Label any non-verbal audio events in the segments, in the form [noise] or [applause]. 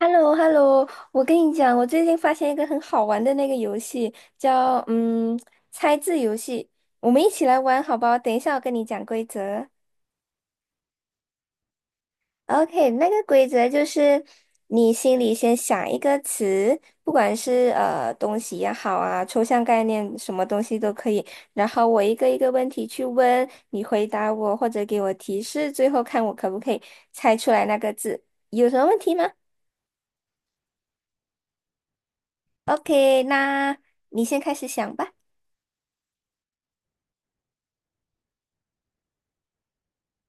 h e l l o h e l l o 我跟你讲，我最近发现一个很好玩的那个游戏，叫猜字游戏，我们一起来玩好不好？等一下我跟你讲规则。OK，那个规则就是你心里先想一个词，不管是东西也好啊，抽象概念什么东西都可以，然后我一个一个问题去问，你回答我或者给我提示，最后看我可不可以猜出来那个字。有什么问题吗？OK，那你先开始想吧。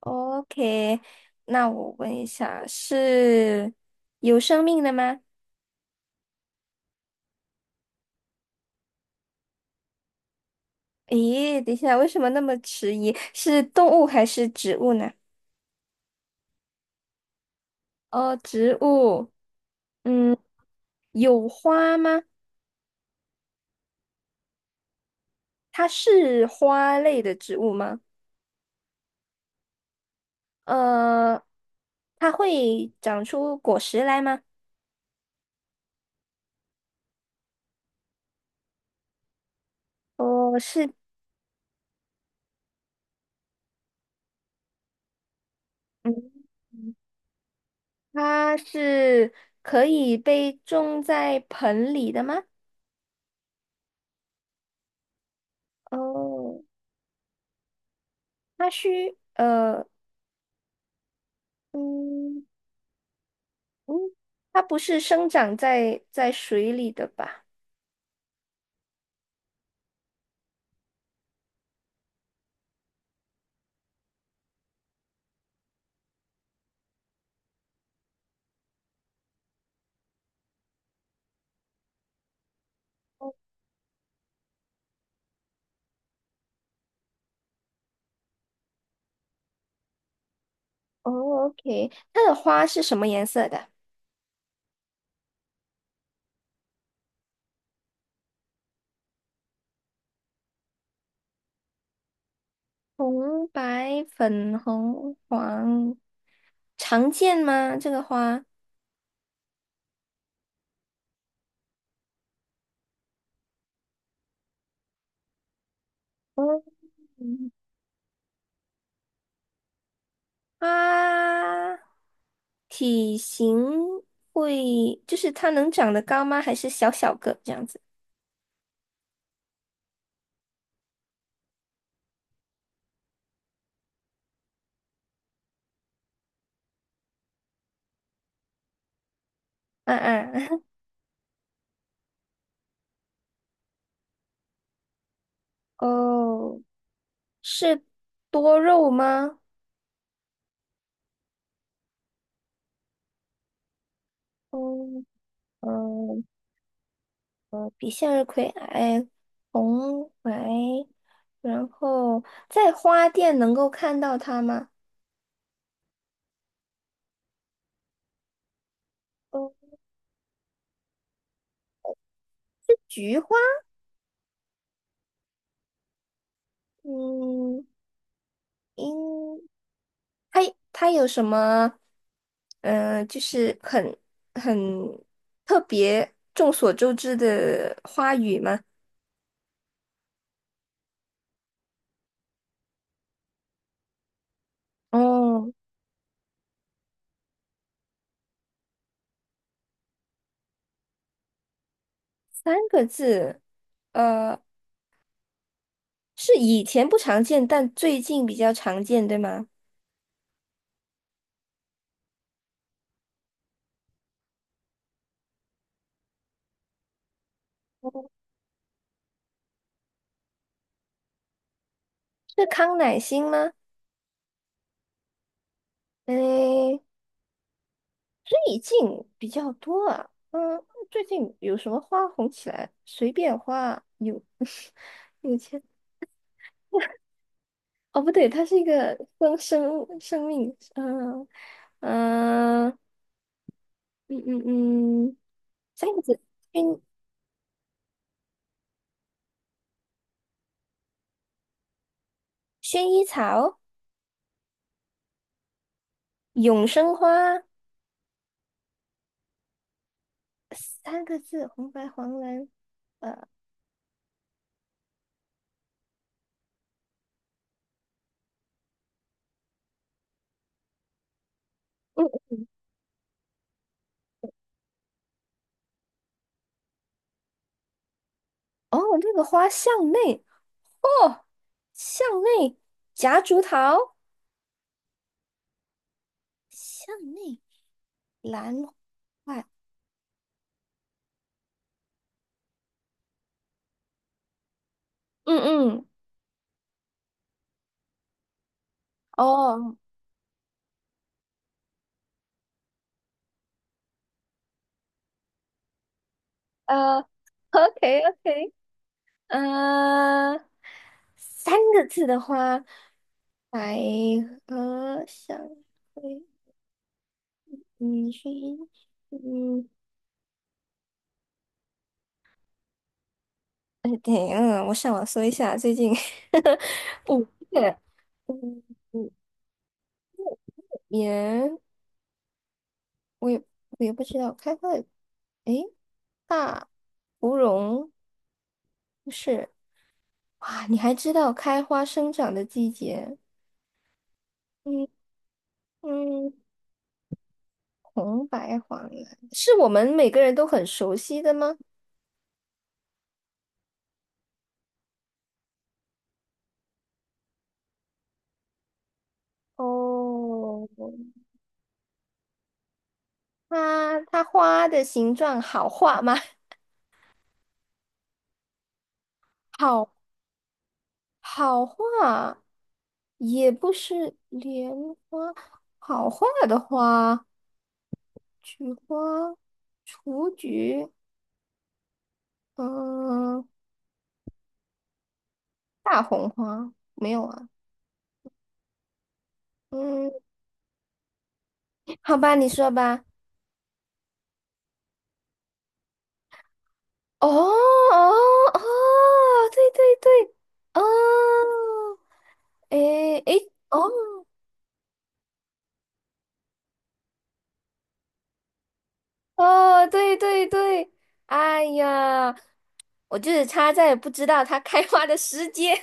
OK，那我问一下，是有生命的吗？咦，等一下，为什么那么迟疑？是动物还是植物呢？哦，植物，嗯，有花吗？它是花类的植物吗？呃，它会长出果实来吗？哦，是，嗯，它是可以被种在盆里的吗？哦，它需，呃，嗯。嗯，它不是生长在水里的吧？哦，OK，它的花是什么颜色的？红、白、粉红、黄，常见吗？这个花？嗯，它体型会，就是它能长得高吗？还是小小个这样子？啊啊，[laughs] 哦，是多肉吗？嗯嗯比向日葵矮，红白。然后在花店能够看到它吗？哦，菊花，嗯，应它它有什么？就是很特别、众所周知的花语吗？哦，三个字，呃，是以前不常见，但最近比较常见，对吗？哦是康乃馨吗？诶，意境比较多啊。嗯，最近有什么花红起来？随便花啊有 [laughs] 有钱哦，不对，它是一个生命，嗯嗯嗯嗯，三个字，薰薰衣草、永生花，三个字，红白黄蓝，呃嗯哦，那个花向内哦，向内夹竹桃，向内兰花，嗯嗯。哦，呃，OK OK，呃，三个字的话，百合香会，嗯，薰衣，嗯，哎，我上网搜一下，最近 [laughs] 五月，嗯，五年，我也我也不知道，开花的，诶，大芙蓉不是，哇，你还知道开花生长的季节？嗯嗯。红白黄蓝是我们每个人都很熟悉的吗？哦，它花的形状好画吗？[laughs] 好好画，也不是莲花，好画的花，菊花、雏菊，嗯，大红花没有啊？嗯，好吧，你说吧。哦哦哦，对对对，哦。诶诶，哦，[laughs] 哦，对对对，哎呀，我就是差在不知道它开花的时间，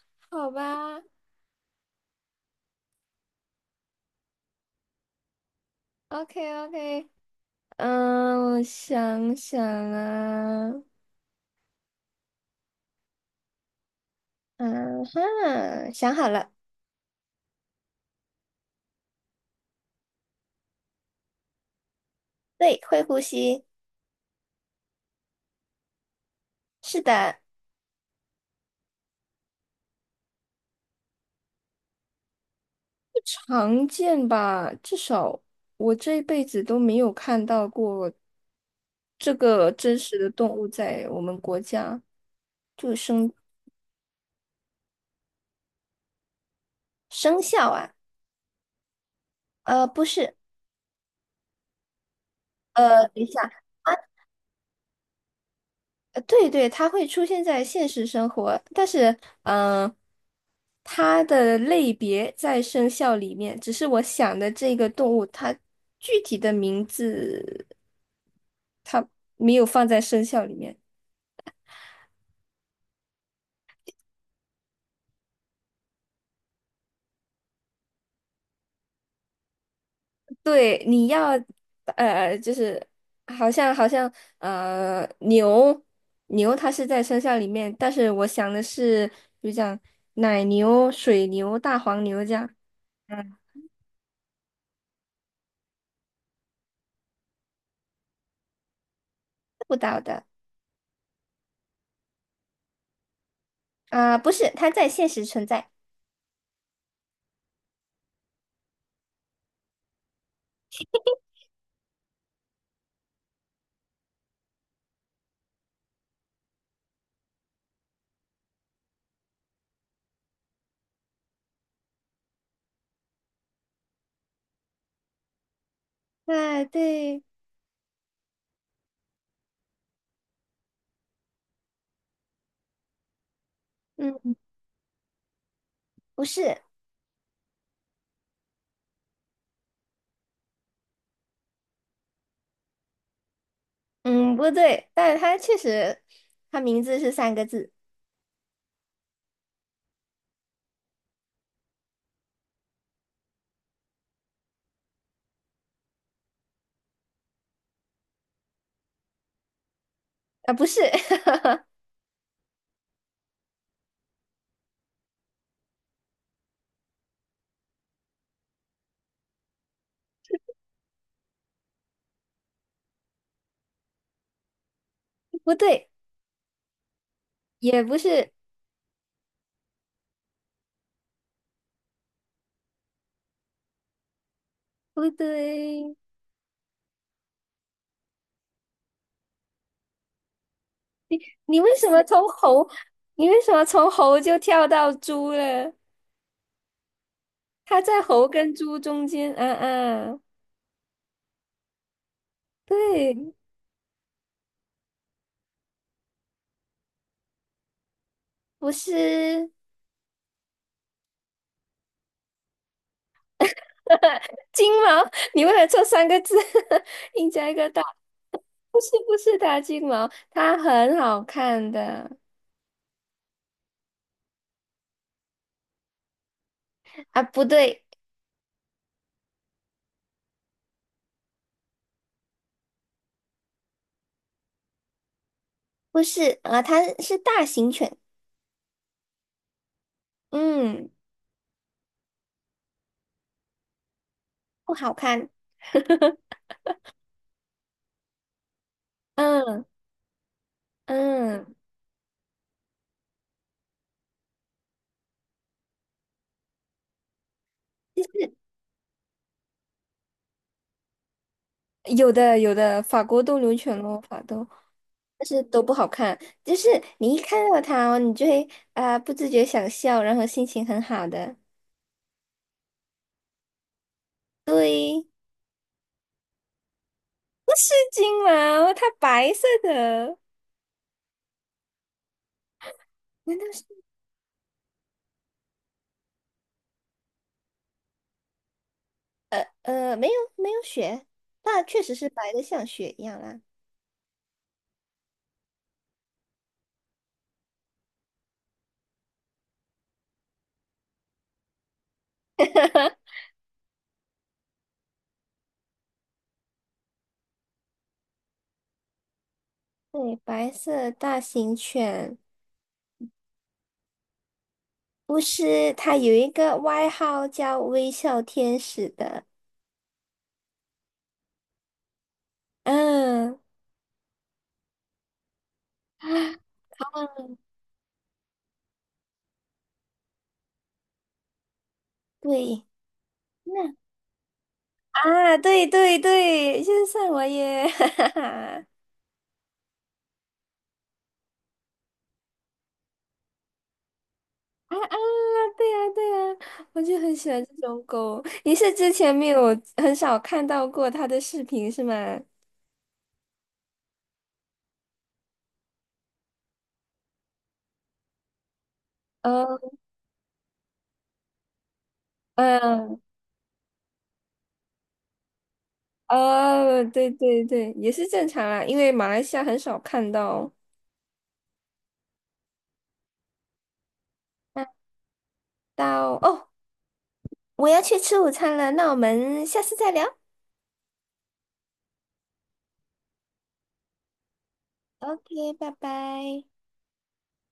[laughs] 好吧？OK OK，我想想啊，嗯哈，想好了，对，会呼吸，是的，常见吧，至少我这辈子都没有看到过这个真实的动物在我们国家，就生肖啊，不是，等一下。对对，它会出现在现实生活，但是嗯、呃它的类别在生肖里面，只是我想的这个动物，它具体的名字没有放在生肖里面。对，就是好像呃牛牛它是在生肖里面，但是我想的是，比如讲奶牛、水牛、大黄牛这样，嗯，不到的啊、不是，它在现实存在。[laughs] 对对，嗯，不是，嗯，不对，但是它确实，它名字是三个字啊，不是，[laughs] 不对，也不是，不对。你为什么从猴，你为什么从猴就跳到猪了？它在猴跟猪中间，嗯嗯，对，不是金毛，你为了这三个字 [laughs] 硬加一个大，不是不是大金毛，它很好看的啊，不对。不是啊，它是大型犬，嗯，不好看。嗯嗯，有的有的，法国斗牛犬咯，法斗，但是都不好看。就是你一看到它哦，你就会啊、不自觉想笑，然后心情很好的。对，不是金毛，它白色的，难道是？没有没有雪，但确实是白的，像雪一样啦。对，白色大型犬，不是，它有一个外号叫微笑天使的。嗯，对。那。啊，对对对，就是萨我耶，[laughs] 哈哈哈！啊啊，对呀、对呀、我就很喜欢这种狗。你是之前没有很少看到过它的视频是吗？哦，嗯，哦，对对对，也是正常啦，因为马来西亚很少看到。那到哦，我要去吃午餐了，那我们下次再聊。OK，拜拜。